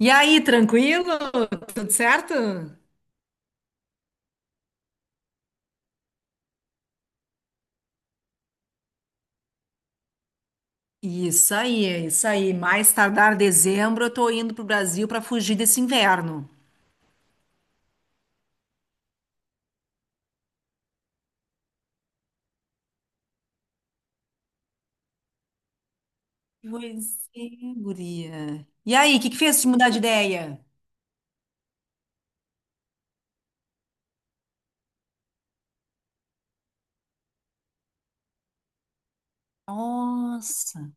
E aí, tranquilo? Tudo certo? Isso aí, isso aí. Mais tardar dezembro, eu tô indo pro Brasil para fugir desse inverno. Pois é, guria. E aí, o que que fez te mudar de ideia? Nossa,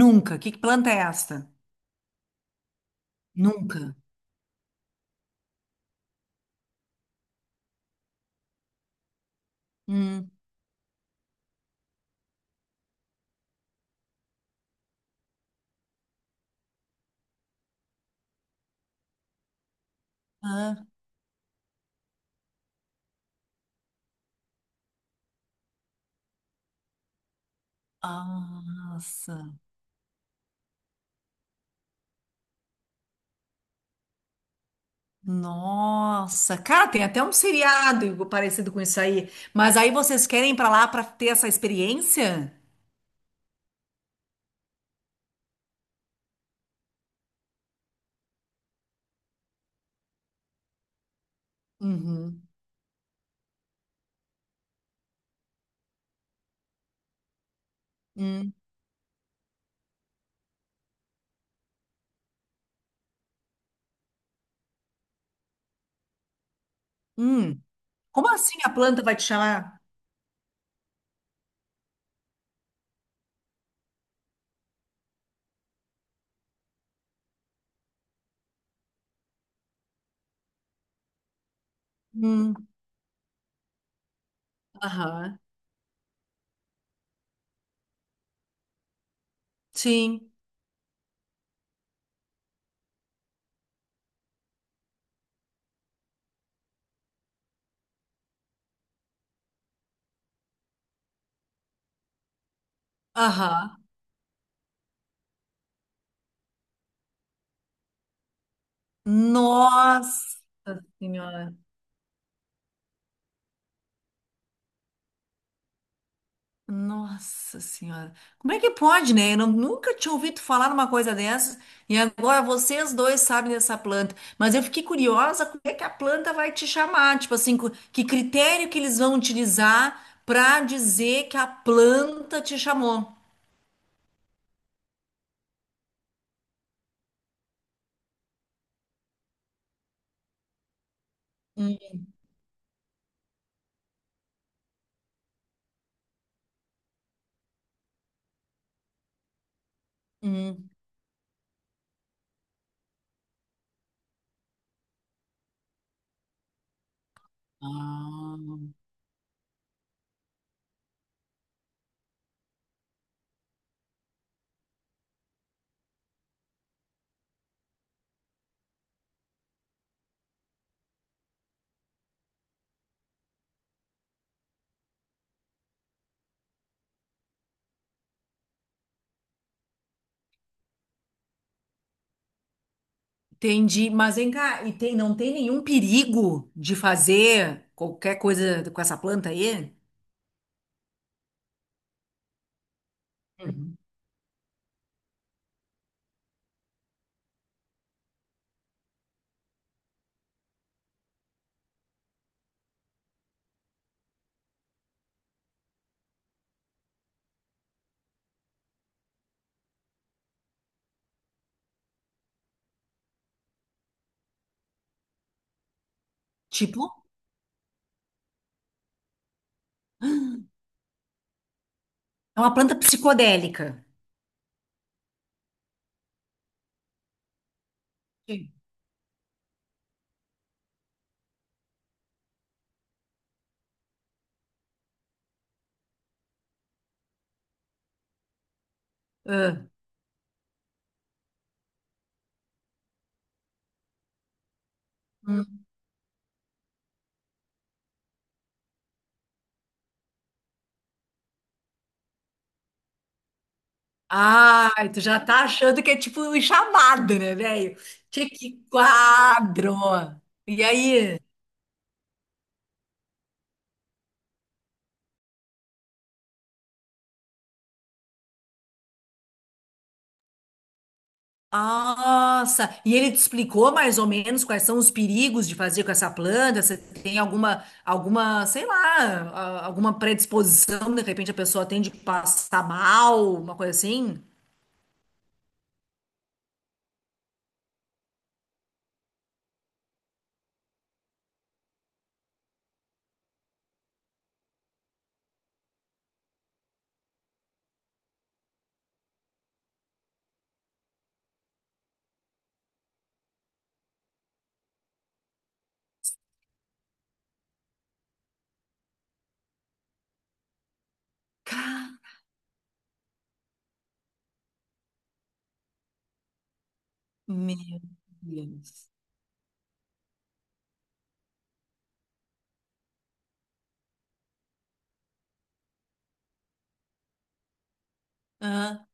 nunca. Que planta é esta? Nunca. Hum. Hã? Nossa, nossa. Cara, tem até um seriado parecido com isso aí. Mas aí vocês querem ir pra lá pra ter essa experiência? Uhum. Hum. Hum. Como assim a planta vai te chamar? Hum, aham. Sim, aham. Nossa Senhora. Nossa Senhora. Como é que pode, né? Eu não- Nunca tinha ouvido falar numa coisa dessa e agora vocês dois sabem dessa planta. Mas eu fiquei curiosa como é que a planta vai te chamar. Tipo assim, que critério que eles vão utilizar para dizer que a planta te chamou? Hum, hum. Ah. Entendi, mas vem cá, e não tem nenhum perigo de fazer qualquer coisa com essa planta aí? Uhum. Tipo, é uma planta psicodélica. Sim. Ah, hum. Ai, tu já tá achando que é tipo um chamado, né, velho? Tchê, que quadro! E aí? Nossa! E ele te explicou mais ou menos quais são os perigos de fazer com essa planta? Você tem alguma, sei lá, alguma predisposição? De repente a pessoa tende a passar mal, uma coisa assim? Meu Deus. Ah,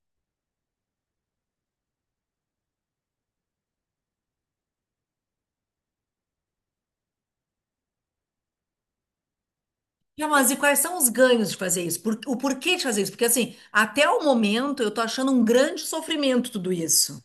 não, mas e quais são os ganhos de fazer isso? O porquê de fazer isso? Porque assim, até o momento eu tô achando um grande sofrimento tudo isso.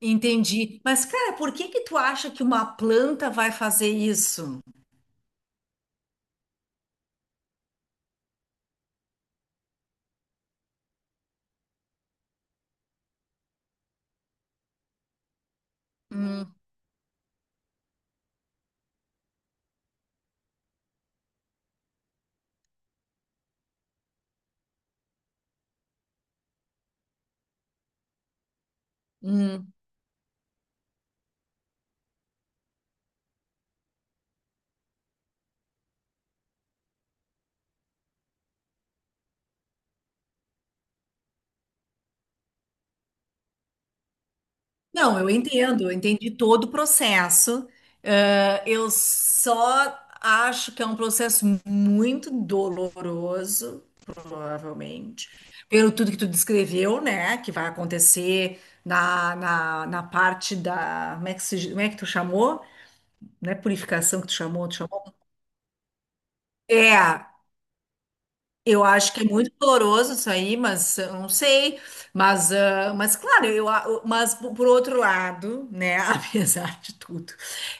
Entendi. Mas, cara, por que que tu acha que uma planta vai fazer isso? Hum, hum. Não, eu entendo, eu entendi todo o processo. Eu só acho que é um processo muito doloroso, provavelmente, pelo tudo que tu descreveu, né? Que vai acontecer na parte da. Como é que, como é que tu chamou? Não é purificação que tu chamou, tu chamou? É, eu acho que é muito doloroso isso aí, mas eu não sei. Mas, ah, mas claro, mas por outro lado, né, apesar de tudo,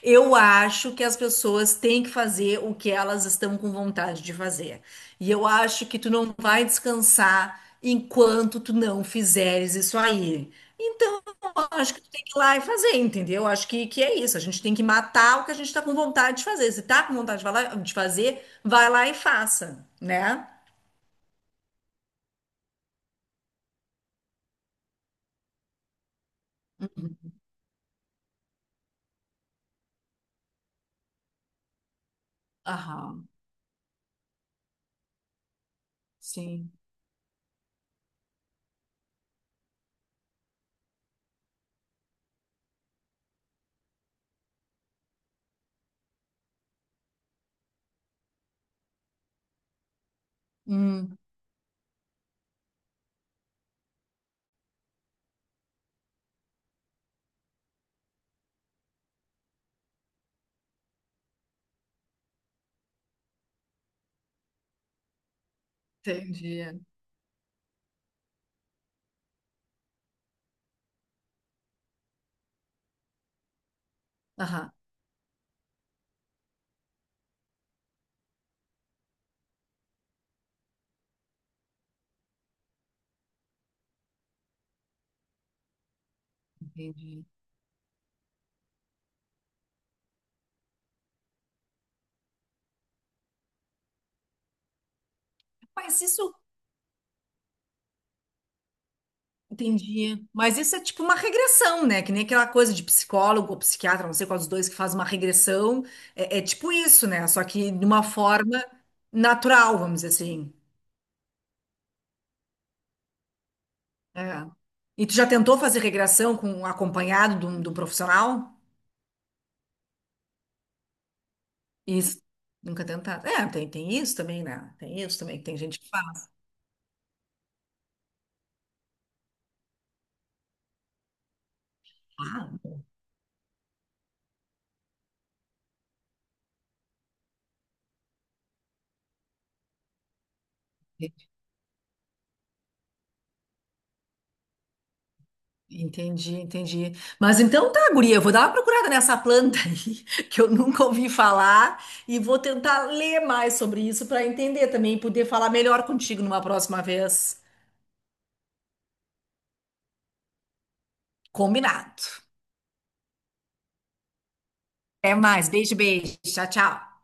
eu acho que as pessoas têm que fazer o que elas estão com vontade de fazer. E eu acho que tu não vai descansar enquanto tu não fizeres isso aí. Então, eu acho que tu tem que ir lá e fazer, entendeu? Eu acho que é isso. A gente tem que matar o que a gente está com vontade de fazer. Se tá com vontade de fazer, vai lá e faça, né? Aham, sim. Hum, entendi. Aham, entendi. Mas isso, entendi. Mas isso é tipo uma regressão, né? Que nem aquela coisa de psicólogo ou psiquiatra, não sei qual dos dois que faz uma regressão. É, é tipo isso, né? Só que de uma forma natural, vamos dizer assim. É. E tu já tentou fazer regressão com um acompanhado de um profissional? Isso. Nunca tentado. É, tem, tem isso também, né? Tem isso também, que tem gente que faz. Ah, entendi, entendi. Mas então tá, guria, eu vou dar uma procurada nessa planta aí, que eu nunca ouvi falar, e vou tentar ler mais sobre isso para entender também e poder falar melhor contigo numa próxima vez. Combinado. Até mais. Beijo, beijo. Tchau, tchau.